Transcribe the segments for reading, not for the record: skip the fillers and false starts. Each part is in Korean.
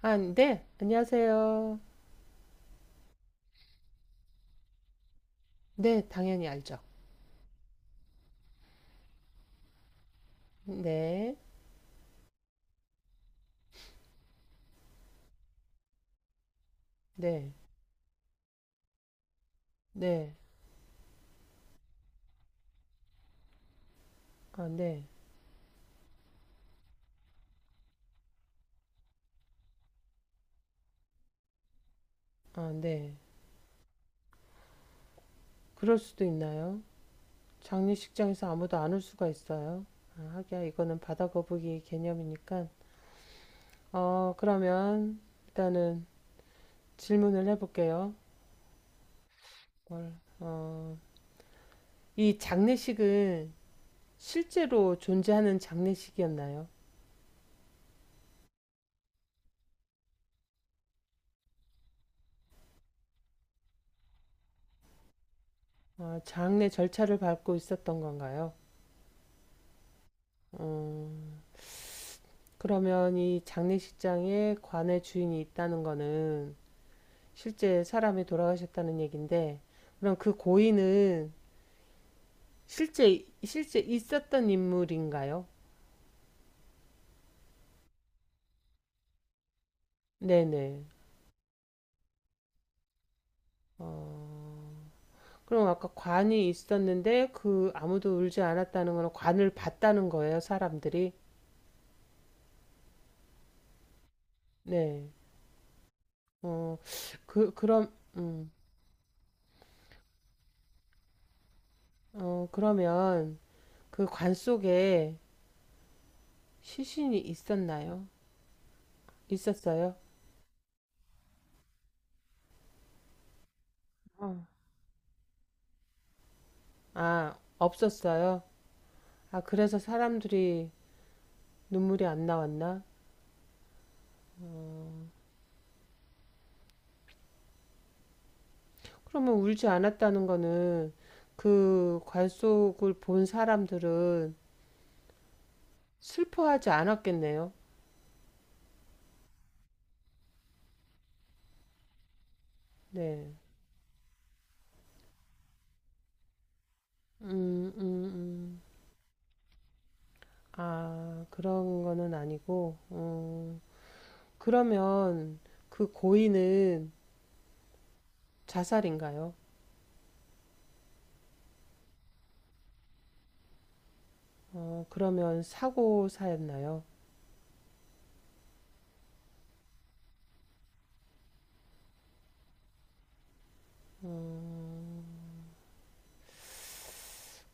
아, 네, 안녕하세요. 네, 당연히 알죠. 네, 네, 네, 아, 네, 아, 네. 그럴 수도 있나요? 장례식장에서 아무도 안 올 수가 있어요. 아, 하기야, 이거는 바다 거북이 개념이니까. 그러면 일단은 질문을 해볼게요. 뭘, 어, 이 장례식은 실제로 존재하는 장례식이었나요? 장례 절차를 밟고 있었던 건가요? 어, 그러면 이 장례식장에 관의 주인이 있다는 거는 실제 사람이 돌아가셨다는 얘기인데 그럼 그 고인은 실제 있었던 인물인가요? 네네. 어, 그럼 아까 관이 있었는데 그 아무도 울지 않았다는 거는 관을 봤다는 거예요, 사람들이? 네. 어, 그, 그럼, 음, 그러면 그 관 속에 시신이 있었나요? 있었어요? 어. 아, 없었어요? 아, 그래서 사람들이 눈물이 안 나왔나? 그러면 울지 않았다는 거는 그 관속을 본 사람들은 슬퍼하지 않았겠네요. 네. 음, 음, 음. 아, 그런 거는 아니고, 그러면 그 고인은 자살인가요? 그러면 사고사였나요?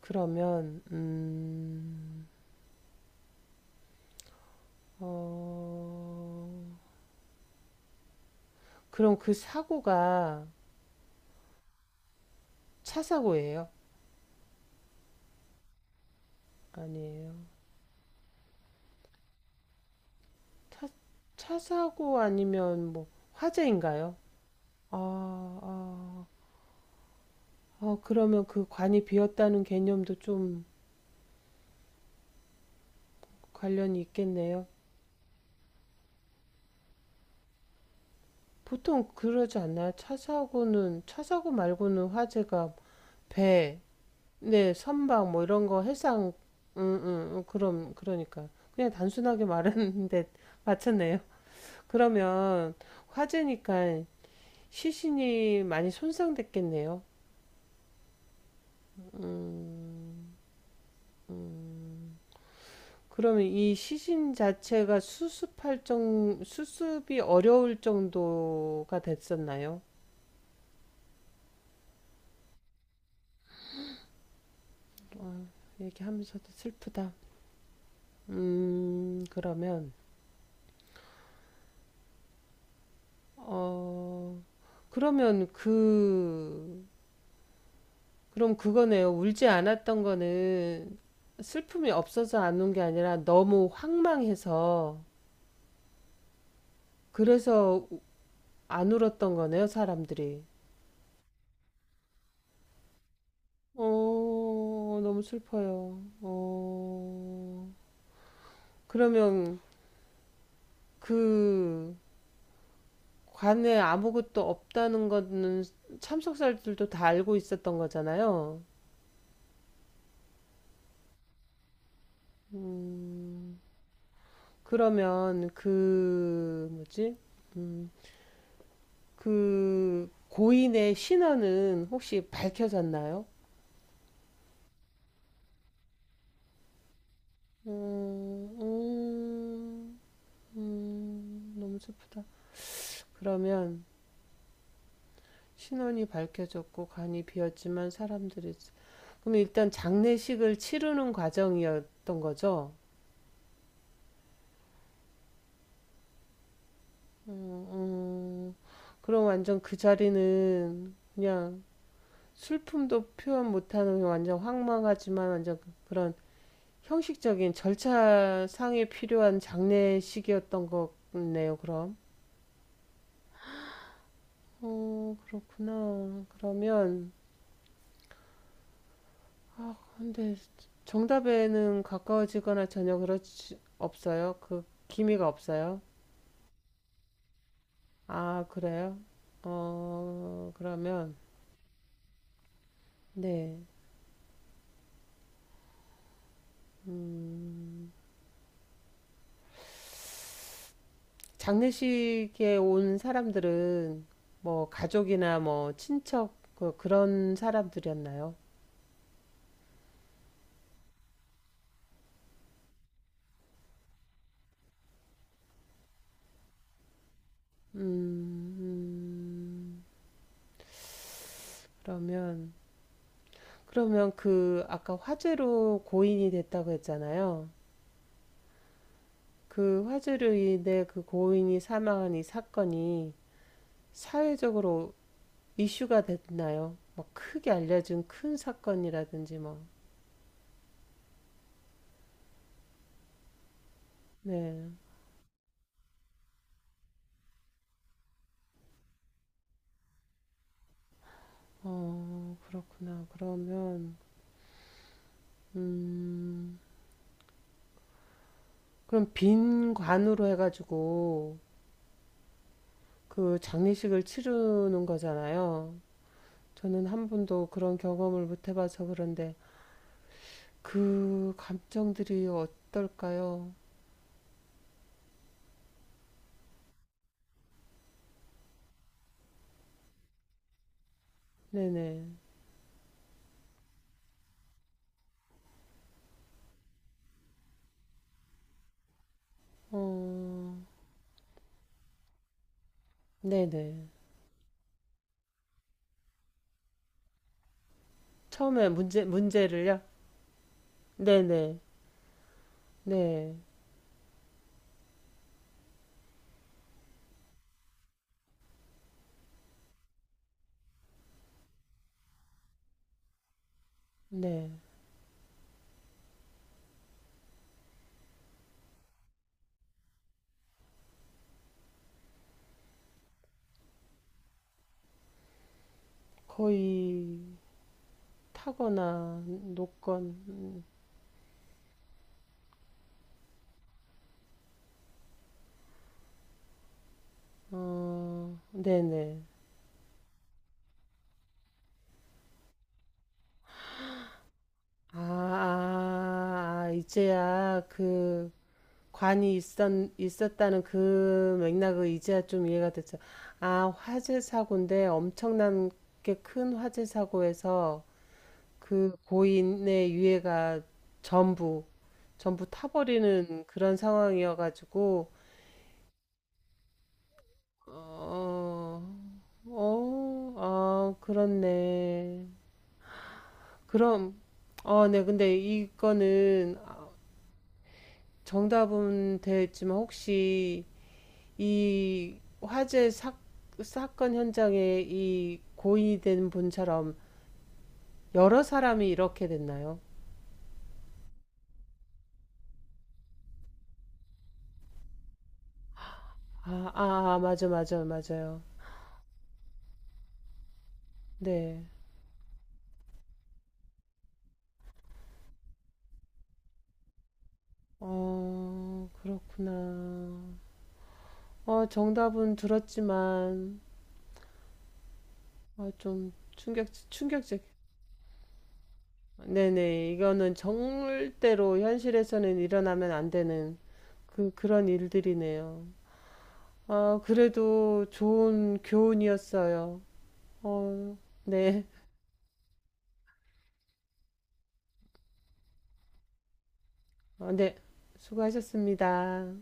그러면, 음, 어, 그럼 그 사고가 차 사고예요? 아니에요. 차, 차 사고 아니면 뭐 화재인가요? 아, 아, 아, 그러면 그 관이 비었다는 개념도 좀 관련이 있겠네요. 보통 그러지 않나요? 차 사고 말고는 화재가 배, 네, 선박 뭐 이런 거 해상, 그러니까. 그냥 단순하게 말했는데 맞췄네요. 그러면 화재니까 시신이 많이 손상됐겠네요. 음, 음. 그러면 이 시신 자체가 수습이 어려울 정도가 됐었나요? 얘기하면서도 슬프다. 음, 그러면, 어, 그러면 그럼 그거네요. 울지 않았던 거는 슬픔이 없어서 안 운 게 아니라 너무 황망해서 그래서 안 울었던 거네요, 사람들이. 어, 너무 슬퍼요. 어, 그러면 그 관에 아무것도 없다는 거는 참석자들도 다 알고 있었던 거잖아요. 음, 그러면 그 뭐지? 음, 그 고인의 신원은 혹시 밝혀졌나요? 음, 음, 너무 슬프다. 그러면 신원이 밝혀졌고 관이 비었지만 사람들이 그럼 일단 장례식을 치르는 과정이었던 거죠? 어, 그럼 완전 그 자리는 그냥 슬픔도 표현 못하는 완전 황망하지만 그런 형식적인 절차상에 필요한 장례식이었던 거네요, 그럼. 어, 그렇구나. 그러면, 근데 정답에는 가까워지거나 전혀 그렇지, 없어요? 그 기미가 없어요? 아, 그래요? 어, 그러면, 네. 장례식에 온 사람들은 뭐 가족이나 뭐 친척 그런 사람들이었나요? 음, 그러면 그러면 그 아까 화재로 고인이 됐다고 했잖아요. 그 화재로 인해 그 고인이 사망한 이 사건이 사회적으로 이슈가 됐나요? 뭐 크게 알려진 큰 사건이라든지 뭐. 네. 어, 그렇구나. 그러면 음. 그럼 빈 관으로 해가지고 그 장례식을 치르는 거잖아요. 저는 한 번도 그런 경험을 못 해봐서 그런데 그 감정들이 어떨까요? 네네. 어, 네네. 문제를요? 네네. 네. 네. 거의 타거나 녹건, 어, 네네. 아, 아, 아, 이제야 그, 관이 있었, 있었다는 그 맥락을 이제야 좀 이해가 됐죠. 아, 화재 사고인데 엄청난 게 큰 화재 사고에서 그 고인의 유해가 전부, 전부 타버리는 그런 상황이어가지고, 어, 어, 아, 그렇네. 그럼, 네, 근데 이거는 아, 정답은 됐지만 혹시 이 화재 사, 사건 현장에 이 고인이 된 분처럼 여러 사람이 이렇게 됐나요? 아, 아, 아, 맞아, 맞아, 맞아요. 네. 어, 그렇구나. 어, 정답은 들었지만, 충격적. 네네. 이거는 절대로 현실에서는 일어나면 안 되는 그런 일들이네요. 어, 그래도 좋은 교훈이었어요. 어, 네. 어, 네. 수고하셨습니다.